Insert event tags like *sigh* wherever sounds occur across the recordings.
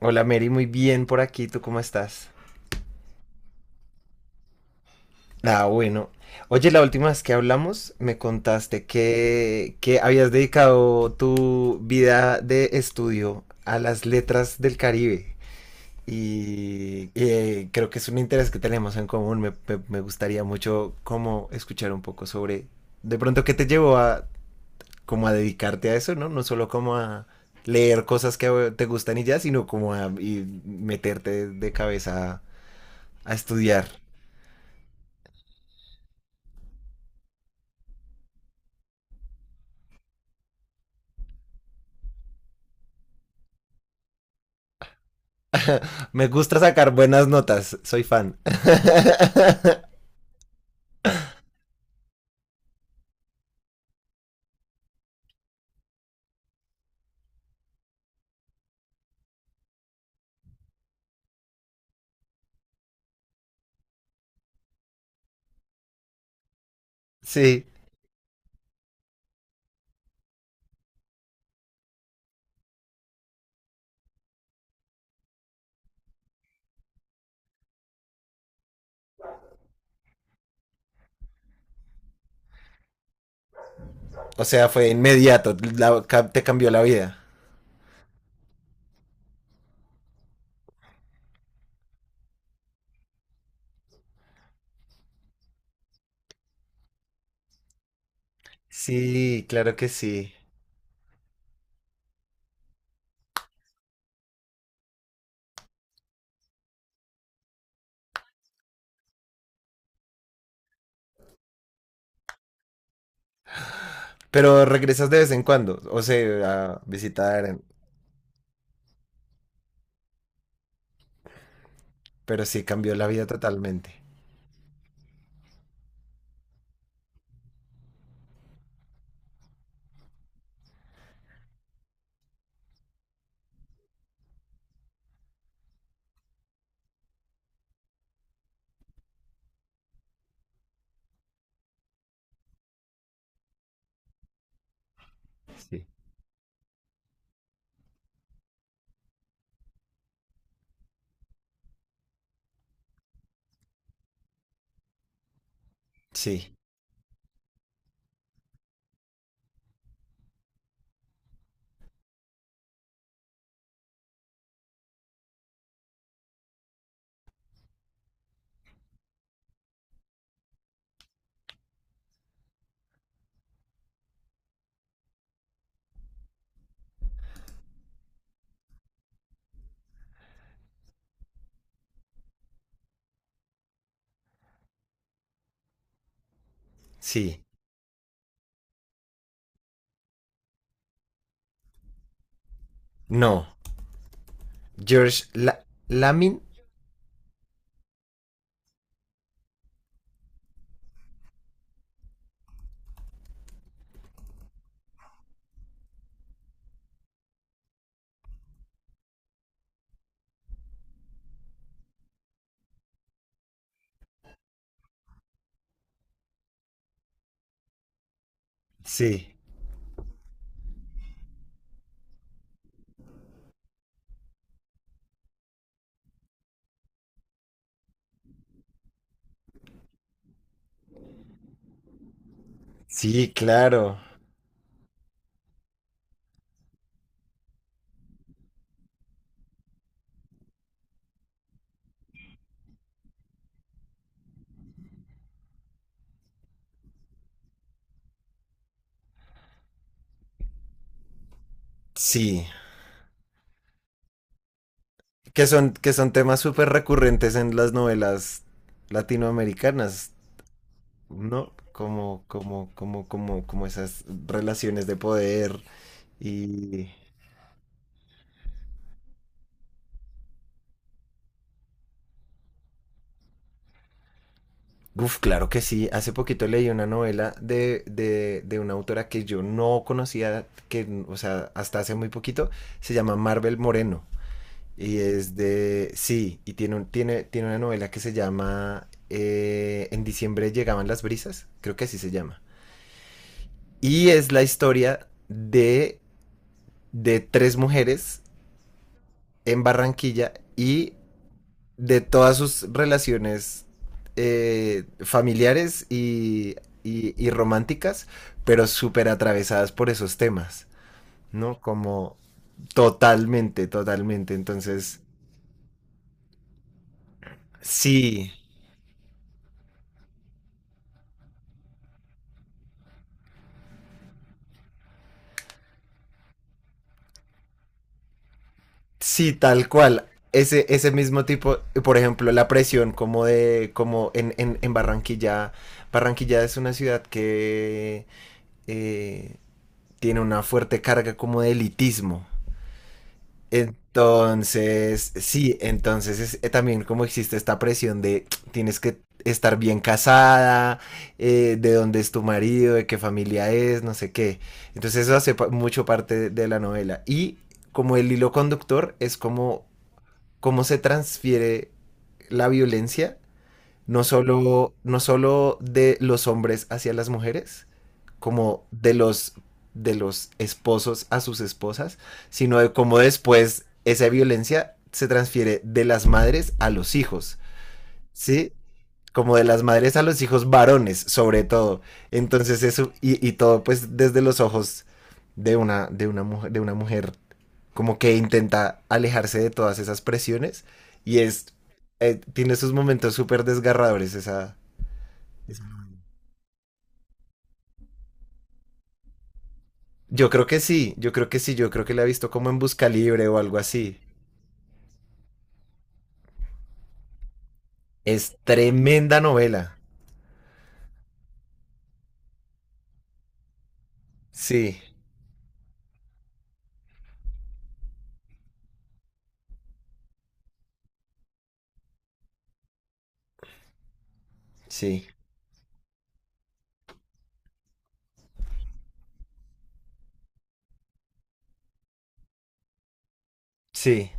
Hola Mary, muy bien por aquí, ¿tú cómo estás? Ah, bueno. Oye, la última vez que hablamos me contaste que habías dedicado tu vida de estudio a las letras del Caribe y creo que es un interés que tenemos en común. Me gustaría mucho como escuchar un poco sobre de pronto qué te llevó a como a dedicarte a eso, ¿no? No solo como a leer cosas que te gustan y ya, sino como a y meterte de cabeza a estudiar. Me gusta sacar buenas notas, soy fan. *laughs* Sí, o sea, fue inmediato, te cambió la vida. Sí, claro que sí. Pero regresas de vez en cuando, o sea, a visitar, pero sí, cambió la vida totalmente. Sí, sí, sí. No, George Lamin, sí, sí, claro, sí. Que son temas súper recurrentes en las novelas latinoamericanas. ¿No? Como esas relaciones de poder y... Uf, claro que sí. Hace poquito leí una novela de una autora que yo no conocía, que, o sea, hasta hace muy poquito, se llama Marvel Moreno. Y es de, sí, y tiene, tiene, tiene una novela que se llama En diciembre llegaban las brisas, creo que así se llama. Y es la historia de tres mujeres en Barranquilla y de todas sus relaciones familiares y románticas, pero súper atravesadas por esos temas, ¿no? Como totalmente, totalmente. Entonces, sí, sí, tal cual. Ese mismo tipo, por ejemplo, la presión como de, como en Barranquilla. Barranquilla es una ciudad que eh, tiene una fuerte carga como de elitismo. Entonces, sí, entonces es, también como existe esta presión de *tsk* tienes que estar bien casada, de dónde es tu marido, de qué familia es, no sé qué. Entonces eso hace mucho parte de la novela. Y como el hilo conductor es como cómo se transfiere la violencia no solo, no solo de los hombres hacia las mujeres, como de los esposos a sus esposas, sino de cómo después esa violencia se transfiere de las madres a los hijos, ¿sí? Como de las madres a los hijos varones, sobre todo. Entonces eso, y todo pues desde los ojos de una mujer como que intenta alejarse de todas esas presiones y es tiene esos momentos súper desgarradores esa- yo creo que sí, yo creo que sí, yo creo que la he visto como en busca libre o algo así. Es tremenda novela. Sí, sí, sí,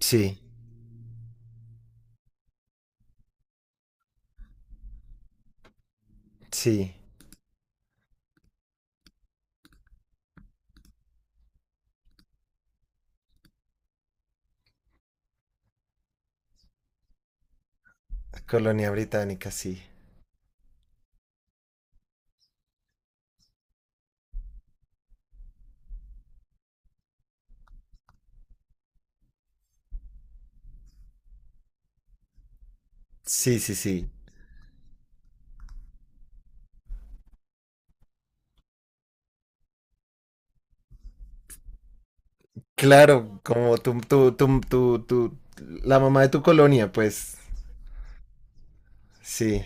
sí, sí, colonia británica, sí, sí, sí, sí, claro, como tú la mamá de tu colonia pues. Sí,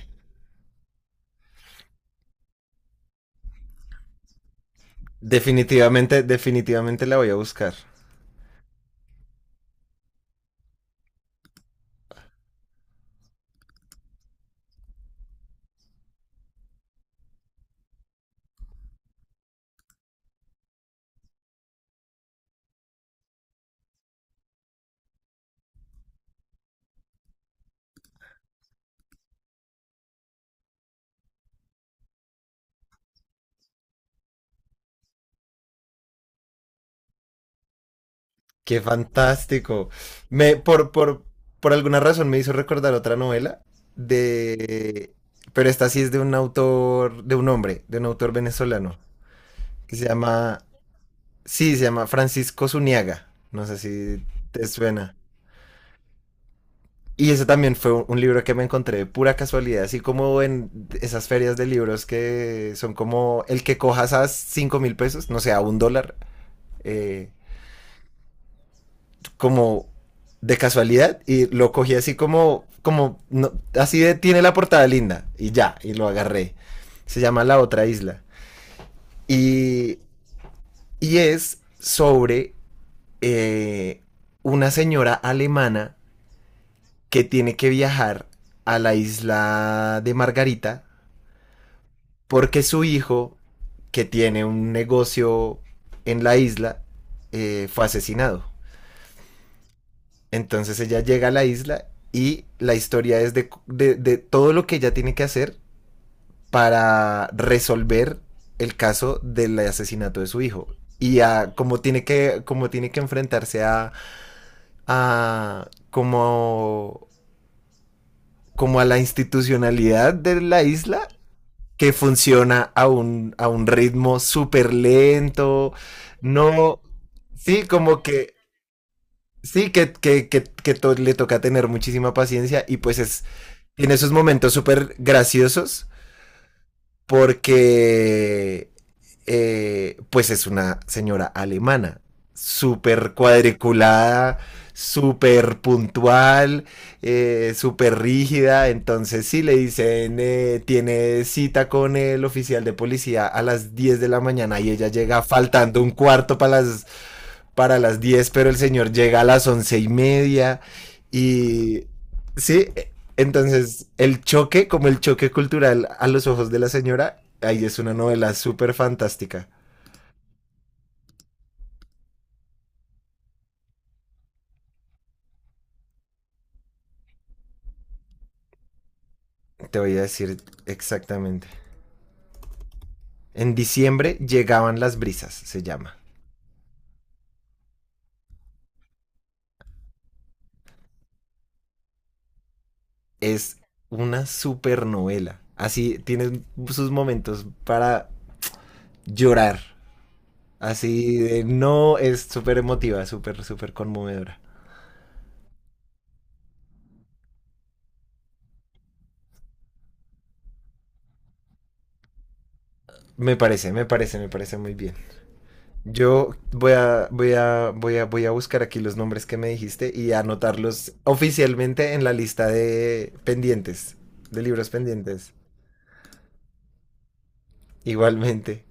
definitivamente, definitivamente la voy a buscar. Qué fantástico. Me, por, por, por alguna razón me hizo recordar otra novela de, pero esta sí es de un autor, de un hombre, de un autor venezolano, que se llama, sí, se llama Francisco Zuniaga. No sé si te suena. Y ese también fue un libro que me encontré de pura casualidad, así como en esas ferias de libros que son como el que cojas a 5.000 pesos, no sé, a un dólar, eh, como de casualidad y lo cogí así como, como, no, así de tiene la portada linda y ya, y lo agarré. Se llama La Otra Isla. Y, y es sobre eh, una señora alemana que tiene que viajar a la isla de Margarita porque su hijo, que tiene un negocio en la isla, fue asesinado. Entonces ella llega a la isla y la historia es de todo lo que ella tiene que hacer para resolver el caso del asesinato de su hijo y a cómo tiene que, como tiene que enfrentarse a como, como a la institucionalidad de la isla que funciona a un ritmo súper lento. No, sí, como que, sí, que to le toca tener muchísima paciencia y pues es tiene esos momentos súper graciosos porque pues es una señora alemana, súper cuadriculada, súper puntual, súper rígida. Entonces, si sí, le dicen, tiene cita con el oficial de policía a las 10 de la mañana y ella llega faltando un cuarto para las 10, pero el señor llega a las 11 y media. Y sí, entonces el choque, como el choque cultural a los ojos de la señora, ahí es una novela súper fantástica. Te voy a decir exactamente. En diciembre llegaban las brisas, se llama. Es una súper novela. Así tiene sus momentos para llorar. Así de no, es súper emotiva, súper, súper conmovedora. Me parece, me parece, me parece muy bien. Yo voy a, voy a, voy a, voy a buscar aquí los nombres que me dijiste y anotarlos oficialmente en la lista de pendientes, de libros pendientes. Igualmente.